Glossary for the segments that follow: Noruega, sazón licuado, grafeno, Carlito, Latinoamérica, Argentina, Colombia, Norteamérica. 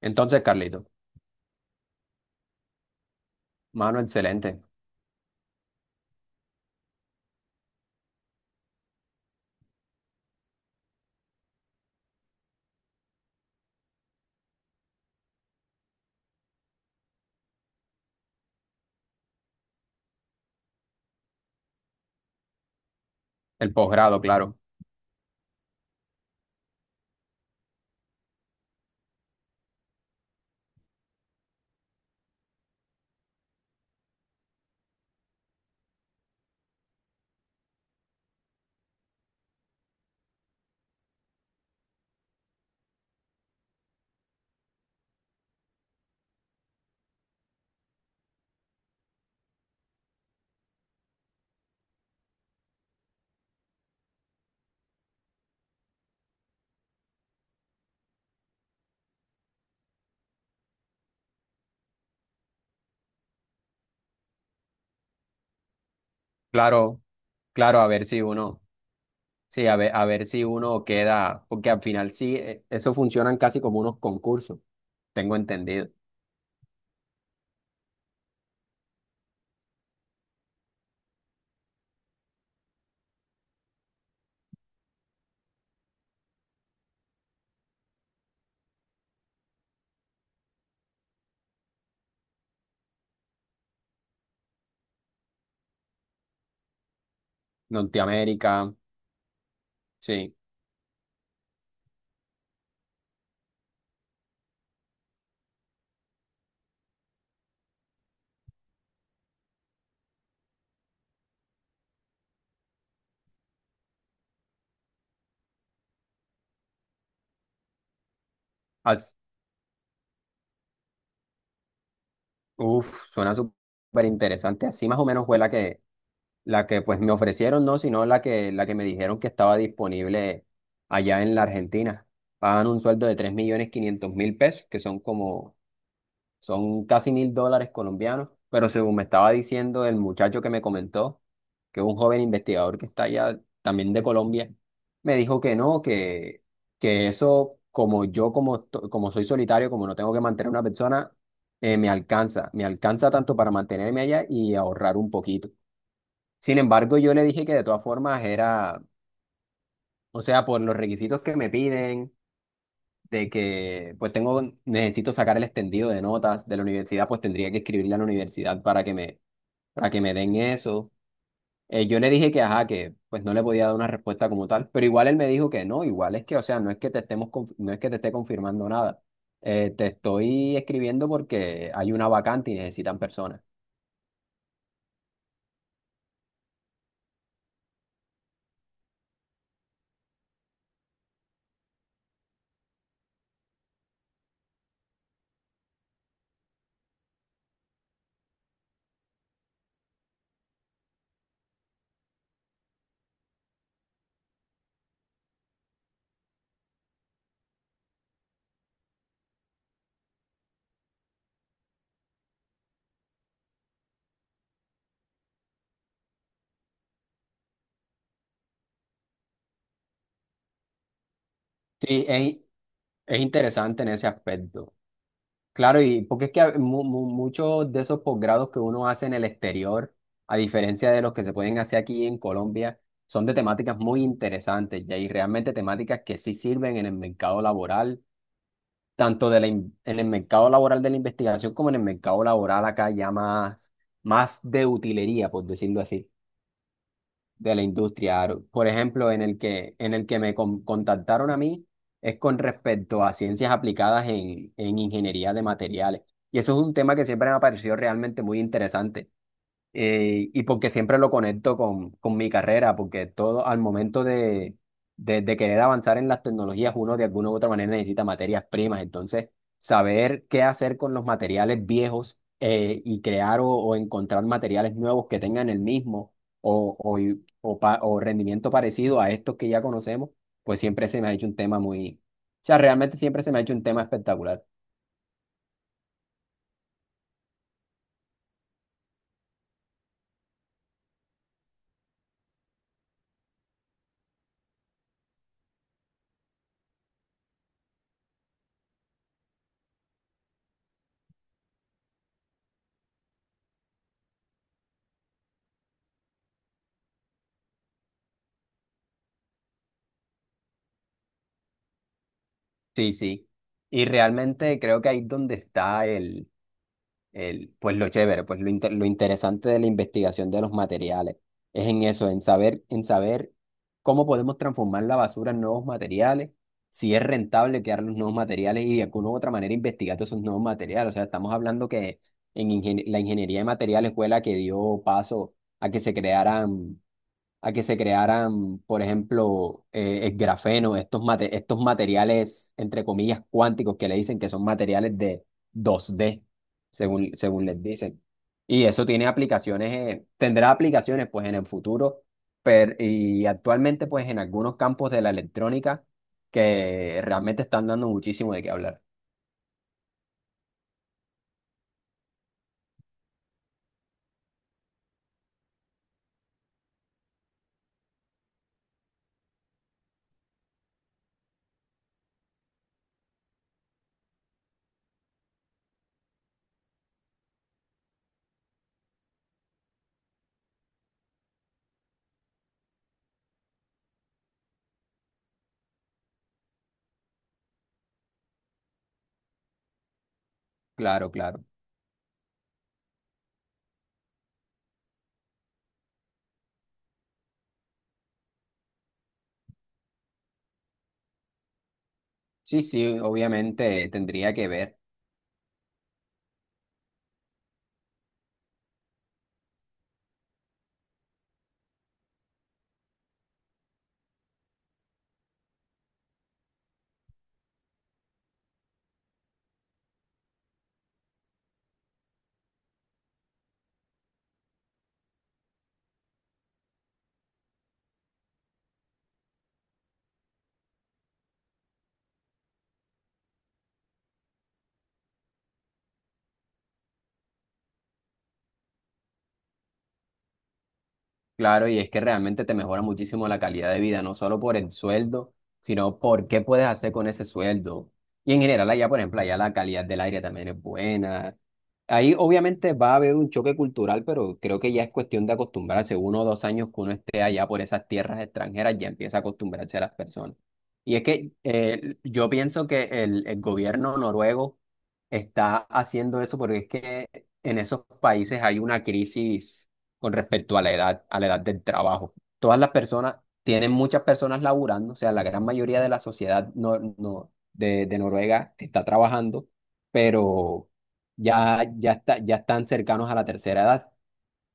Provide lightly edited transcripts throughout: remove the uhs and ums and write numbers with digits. Entonces, Carlito, mano, excelente. El posgrado, claro. Claro, claro, a ver si uno, sí, a ver si uno queda, porque al final sí, eso funcionan casi como unos concursos, tengo entendido. Norteamérica, sí. As- Uf, suena súper interesante. Así más o menos fue la que pues me ofrecieron, no, sino la que me dijeron que estaba disponible allá en la Argentina. Pagan un sueldo de 3.500.000 pesos, que son como son casi 1.000 dólares colombianos, pero según me estaba diciendo el muchacho que me comentó, que es un joven investigador que está allá también de Colombia, me dijo que no, que eso, como yo, como, como soy solitario, como no tengo que mantener a una persona, me alcanza tanto para mantenerme allá y ahorrar un poquito. Sin embargo, yo le dije que de todas formas era, o sea, por los requisitos que me piden de que pues tengo, necesito sacar el extendido de notas de la universidad, pues tendría que escribirle a la universidad para que me den eso. Yo le dije que, ajá, que pues no le podía dar una respuesta como tal, pero igual él me dijo que no, igual es que, o sea, no es que te estemos, no es que te esté confirmando nada. Te estoy escribiendo porque hay una vacante y necesitan personas. Sí, es interesante en ese aspecto. Claro, y porque es que muchos de esos posgrados que uno hace en el exterior, a diferencia de los que se pueden hacer aquí en Colombia, son de temáticas muy interesantes, ya, y realmente temáticas que sí sirven en el mercado laboral, tanto de en el mercado laboral de la investigación como en el mercado laboral acá ya más, más de utilería, por decirlo así de la industria. Aro. Por ejemplo, en el que me contactaron a mí es con respecto a ciencias aplicadas en ingeniería de materiales. Y eso es un tema que siempre me ha parecido realmente muy interesante. Y porque siempre lo conecto con mi carrera, porque todo al momento de querer avanzar en las tecnologías, uno de alguna u otra manera necesita materias primas. Entonces, saber qué hacer con los materiales viejos, y crear o encontrar materiales nuevos que tengan el mismo o, y- o, pa- o rendimiento parecido a estos que ya conocemos, pues siempre se me ha hecho un tema muy... O sea, realmente siempre se me ha hecho un tema espectacular. Sí, sí. Y realmente creo que ahí es donde está pues lo chévere, pues lo interesante de la investigación de los materiales es en eso, en saber cómo podemos transformar la basura en nuevos materiales, si es rentable crear los nuevos materiales y de alguna u otra manera investigar todos esos nuevos materiales. O sea, estamos hablando que la ingeniería de materiales fue la que dio paso a que se crearan, por ejemplo, el grafeno, estos materiales, entre comillas, cuánticos que le dicen que son materiales de 2D, según les dicen. Y eso tiene aplicaciones, tendrá aplicaciones pues en el futuro, pero, y actualmente pues en algunos campos de la electrónica que realmente están dando muchísimo de qué hablar. Claro, claro. Sí, sí, obviamente tendría que ver. Claro, y es que realmente te mejora muchísimo la calidad de vida, no solo por el sueldo, sino por qué puedes hacer con ese sueldo. Y en general allá, por ejemplo, allá la calidad del aire también es buena. Ahí obviamente va a haber un choque cultural, pero creo que ya es cuestión de acostumbrarse. Uno o dos años que uno esté allá por esas tierras extranjeras, ya empieza a acostumbrarse a las personas. Y es que yo pienso que el gobierno noruego está haciendo eso porque es que en esos países hay una crisis con respecto a la edad del trabajo. Todas las personas, tienen muchas personas laburando, o sea, la gran mayoría de la sociedad no, no, de Noruega está trabajando, pero ya están cercanos a la tercera edad.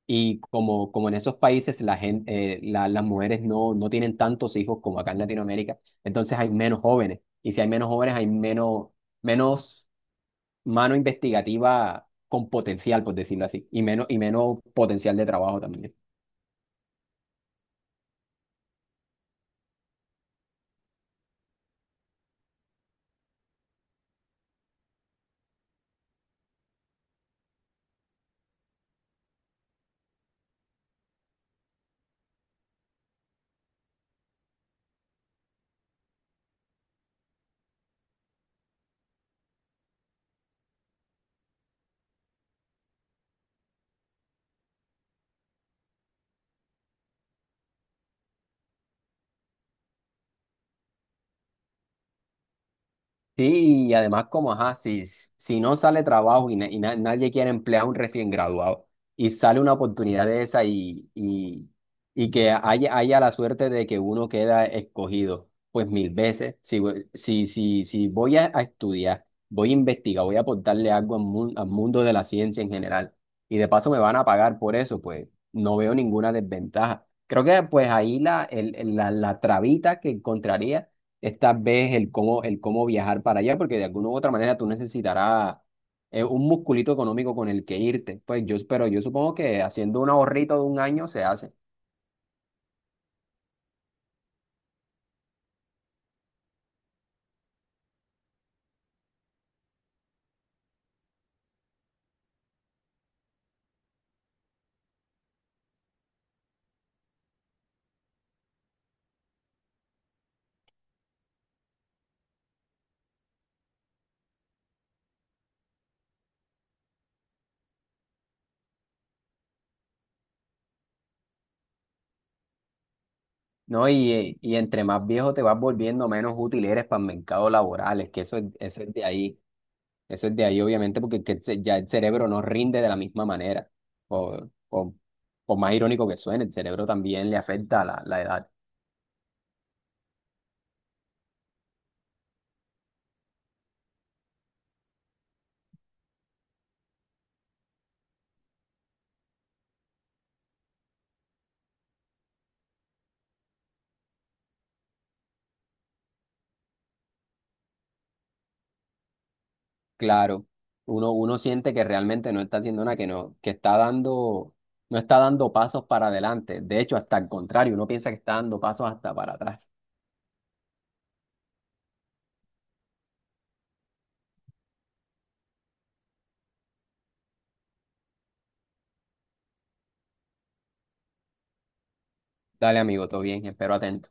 Y como, como en esos países las mujeres no tienen tantos hijos como acá en Latinoamérica, entonces hay menos jóvenes. Y si hay menos jóvenes, hay menos, menos mano investigativa con potencial, por decirlo así, y menos potencial de trabajo también. Sí, y además como, ajá, si, no sale trabajo y, nadie quiere emplear a un recién graduado y sale una oportunidad de esa y que haya la suerte de que uno queda escogido, pues mil veces, si, si voy a estudiar, voy a investigar, voy a aportarle algo al mundo de la ciencia en general y de paso me van a pagar por eso, pues no veo ninguna desventaja. Creo que pues ahí la, el- la trabita que encontraría esta vez el cómo viajar para allá, porque de alguna u otra manera tú necesitarás, un musculito económico con el que irte. Pues yo, pero yo supongo que haciendo un ahorrito de un año se hace, ¿no? Y y entre más viejo te vas volviendo, menos útil eres para el mercado laboral, es que eso es de ahí obviamente, porque es que ya el cerebro no rinde de la misma manera, o, o, por más irónico que suene, el cerebro también le afecta a la edad. Claro, uno siente que realmente no está haciendo nada, que no, que está dando, no está dando pasos para adelante. De hecho, hasta el contrario, uno piensa que está dando pasos hasta para atrás. Dale, amigo, todo bien, espero atento.